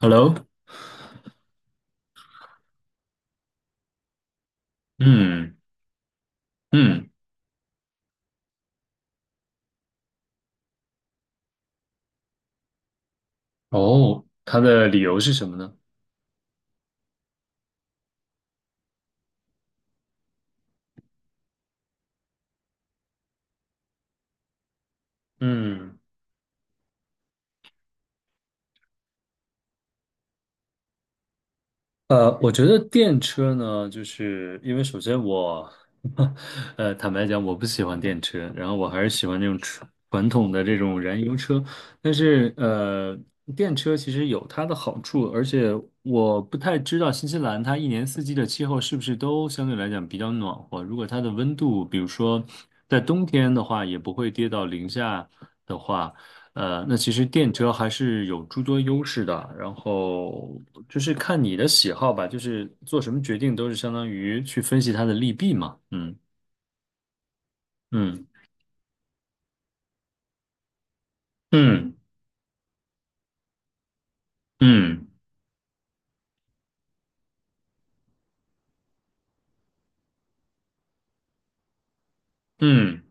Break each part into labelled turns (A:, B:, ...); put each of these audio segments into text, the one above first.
A: Hello，嗯嗯，哦，它的理由是什么呢？嗯，我觉得电车呢，就是因为首先我，坦白讲，我不喜欢电车，然后我还是喜欢那种传统的这种燃油车，但是电车其实有它的好处，而且我不太知道新西兰它一年四季的气候是不是都相对来讲比较暖和，如果它的温度，比如说在冬天的话，也不会跌到零下。的话，那其实电车还是有诸多优势的，然后就是看你的喜好吧，就是做什么决定都是相当于去分析它的利弊嘛。嗯嗯嗯嗯嗯，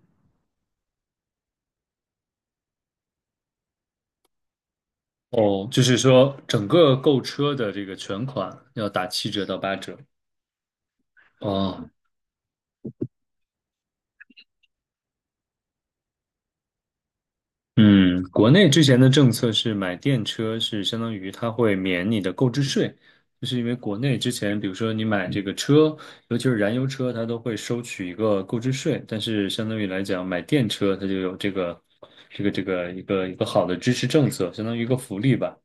A: 哦，就是说整个购车的这个全款要打7折到8折。哦，嗯，国内之前的政策是买电车是相当于它会免你的购置税，就是因为国内之前，比如说你买这个车，尤其是燃油车，它都会收取一个购置税，但是相当于来讲，买电车它就有这个一个好的支持政策，相当于一个福利吧。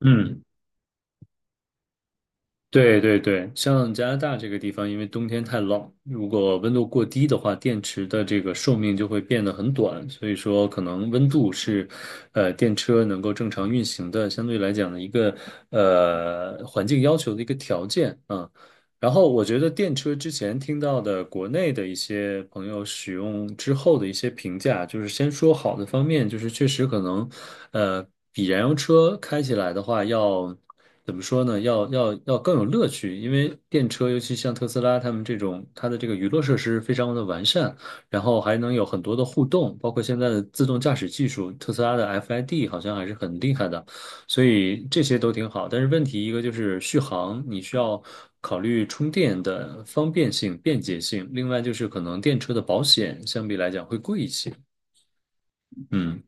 A: 嗯。对对对，像加拿大这个地方，因为冬天太冷，如果温度过低的话，电池的这个寿命就会变得很短，所以说可能温度是，电车能够正常运行的相对来讲的一个环境要求的一个条件啊。然后我觉得电车之前听到的国内的一些朋友使用之后的一些评价，就是先说好的方面，就是确实可能，呃，比燃油车开起来的话要怎么说呢？要更有乐趣，因为电车尤其像特斯拉他们这种，它的这个娱乐设施非常的完善，然后还能有很多的互动，包括现在的自动驾驶技术，特斯拉的 FID 好像还是很厉害的。所以这些都挺好，但是问题一个就是续航，你需要考虑充电的方便性、便捷性，另外就是可能电车的保险相比来讲会贵一些。嗯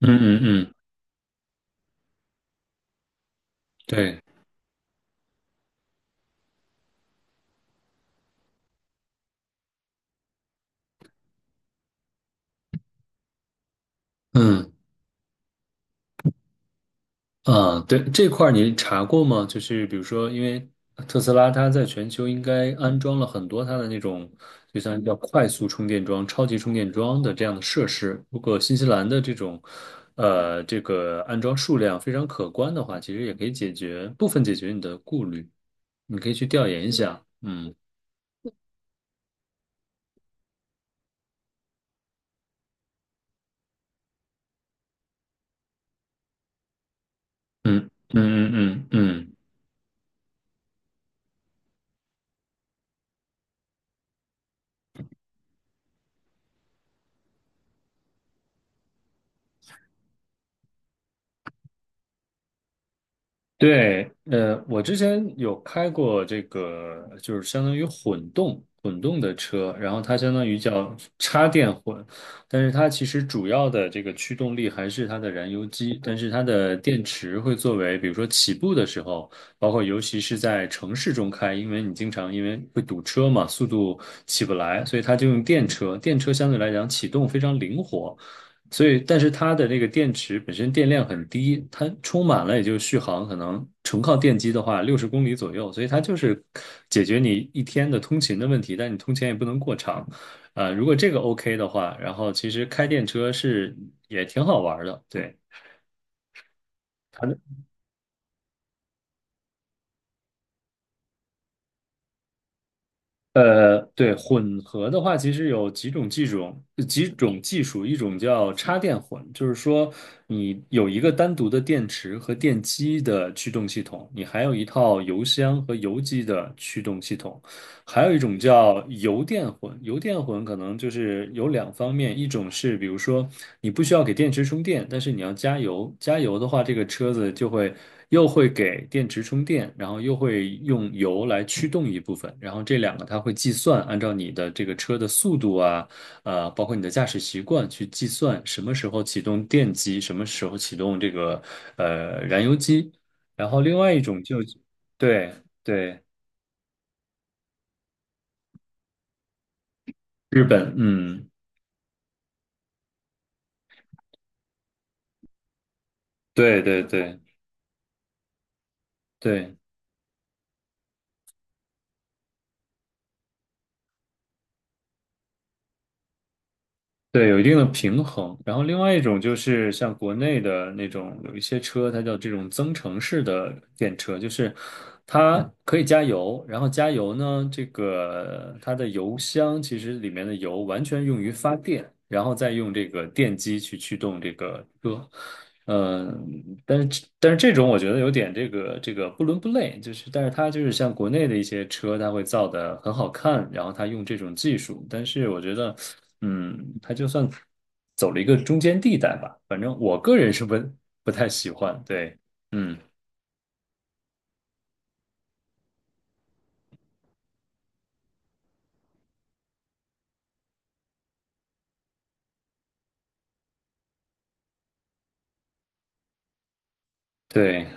A: 嗯嗯嗯，对，嗯。啊，对，这块儿你查过吗？就是比如说，因为特斯拉它在全球应该安装了很多它的那种，就像叫快速充电桩、超级充电桩的这样的设施。如果新西兰的这种，这个安装数量非常可观的话，其实也可以解决部分解决你的顾虑。你可以去调研一下。嗯嗯嗯嗯嗯嗯。嗯对，我之前有开过这个，就是相当于混动的车，然后它相当于叫插电混，但是它其实主要的这个驱动力还是它的燃油机，但是它的电池会作为，比如说起步的时候，包括尤其是在城市中开，因为你经常因为会堵车嘛，速度起不来，所以它就用电车，电车相对来讲启动非常灵活。所以，但是它的那个电池本身电量很低，它充满了也就续航可能纯靠电机的话，60公里左右，所以它就是解决你一天的通勤的问题，但你通勤也不能过长，啊、如果这个 OK 的话，然后其实开电车是也挺好玩的，对。它的。对，混合的话，其实有几种技术，一种叫插电混，就是说你有一个单独的电池和电机的驱动系统，你还有一套油箱和油机的驱动系统。还有一种叫油电混，油电混可能就是有两方面，一种是比如说你不需要给电池充电，但是你要加油，加油的话，这个车子就会又会给电池充电，然后又会用油来驱动一部分，然后这两个它会计算，按照你的这个车的速度啊，包括你的驾驶习惯去计算什么时候启动电机，什么时候启动这个燃油机，然后另外一种就对对日本，嗯。对对对对对，有一定的平衡。然后另外一种就是像国内的那种，有一些车它叫这种增程式的电车，就是它可以加油，然后加油呢，这个它的油箱其实里面的油完全用于发电，然后再用这个电机去驱动这个车。嗯，但是这种我觉得有点这个不伦不类，就是但是它就是像国内的一些车，它会造的很好看，然后它用这种技术，但是我觉得，嗯，它就算走了一个中间地带吧，反正我个人是不太喜欢，对，嗯，对。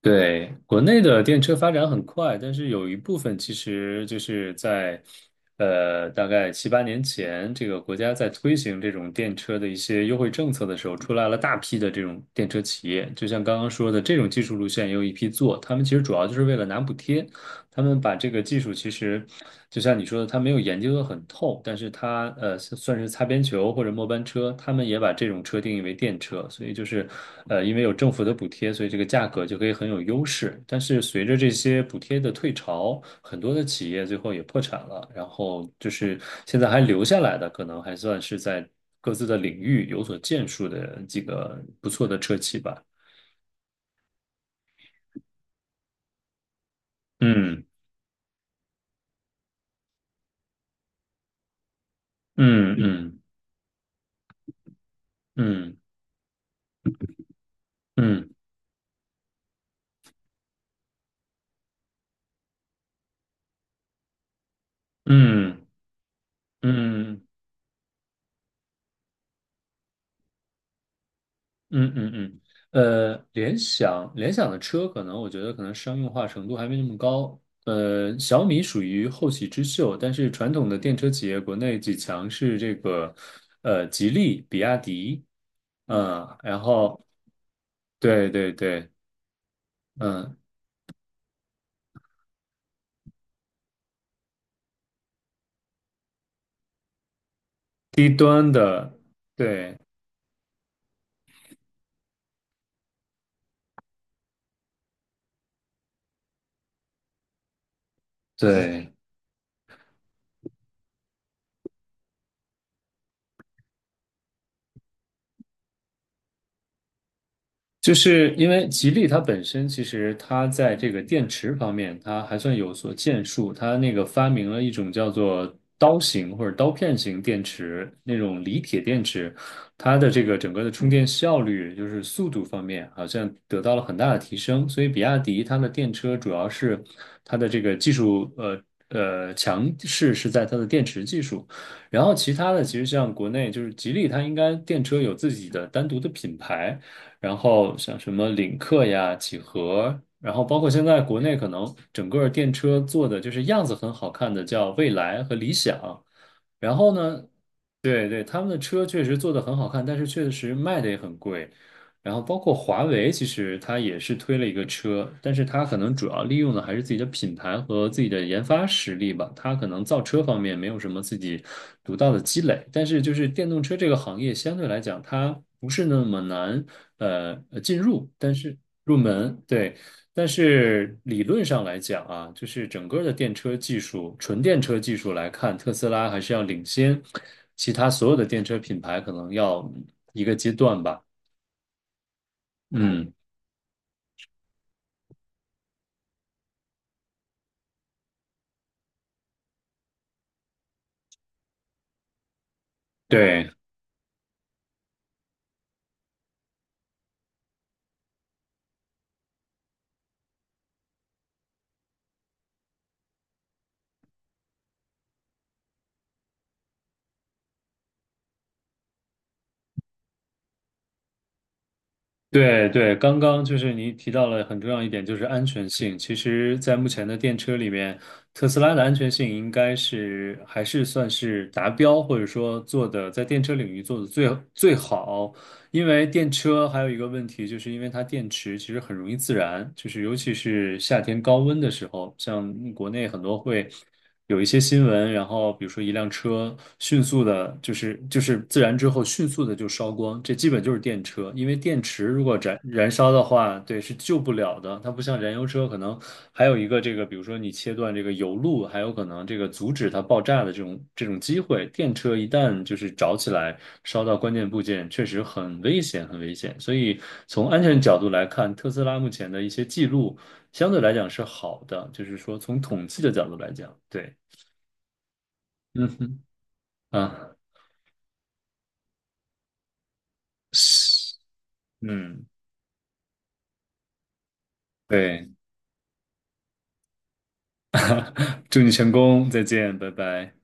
A: 对，国内的电车发展很快，但是有一部分其实就是在，大概7、8年前，这个国家在推行这种电车的一些优惠政策的时候，出来了大批的这种电车企业。就像刚刚说的，这种技术路线也有一批做，他们其实主要就是为了拿补贴，他们把这个技术其实，就像你说的，他没有研究的很透，但是他算是擦边球或者末班车，他们也把这种车定义为电车，所以就是因为有政府的补贴，所以这个价格就可以很有优势。但是随着这些补贴的退潮，很多的企业最后也破产了，然后就是现在还留下来的，可能还算是在各自的领域有所建树的几个不错的车企吧。嗯嗯嗯嗯嗯嗯嗯。嗯嗯嗯嗯嗯，联想的车可能我觉得可能商用化程度还没那么高。小米属于后起之秀，但是传统的电车企业国内几强是这个，吉利、比亚迪，嗯，嗯，然后对对对，嗯，低端的，对对。就是因为吉利它本身其实它在这个电池方面，它还算有所建树。它那个发明了一种叫做刀型或者刀片型电池，那种锂铁电池，它的这个整个的充电效率，就是速度方面，好像得到了很大的提升。所以比亚迪它的电车主要是它的这个技术，强势是在它的电池技术。然后其他的，其实像国内就是吉利，它应该电车有自己的单独的品牌。然后像什么领克呀、几何，然后包括现在国内可能整个电车做的就是样子很好看的，叫蔚来和理想。然后呢，对对，他们的车确实做的很好看，但是确实卖的也很贵。然后包括华为，其实它也是推了一个车，但是它可能主要利用的还是自己的品牌和自己的研发实力吧。它可能造车方面没有什么自己独到的积累，但是就是电动车这个行业相对来讲，它不是那么难进入，但是入门，对。但是理论上来讲啊，就是整个的电车技术，纯电车技术来看，特斯拉还是要领先其他所有的电车品牌，可能要一个阶段吧。嗯，对。对对，刚刚就是你提到了很重要一点，就是安全性。其实，在目前的电车里面，特斯拉的安全性应该是还是算是达标，或者说做的在电车领域做的最最好。因为电车还有一个问题，就是因为它电池其实很容易自燃，就是尤其是夏天高温的时候，像国内很多会。有一些新闻，然后比如说一辆车迅速的，就是自燃之后迅速的就烧光，这基本就是电车，因为电池如果燃烧的话，对，是救不了的。它不像燃油车，可能还有一个这个，比如说你切断这个油路，还有可能这个阻止它爆炸的这种机会。电车一旦就是着起来，烧到关键部件，确实很危险，很危险。所以从安全角度来看，特斯拉目前的一些记录相对来讲是好的，就是说从统计的角度来讲，对。嗯哼，啊，是，嗯，对，祝你成功，再见，拜拜。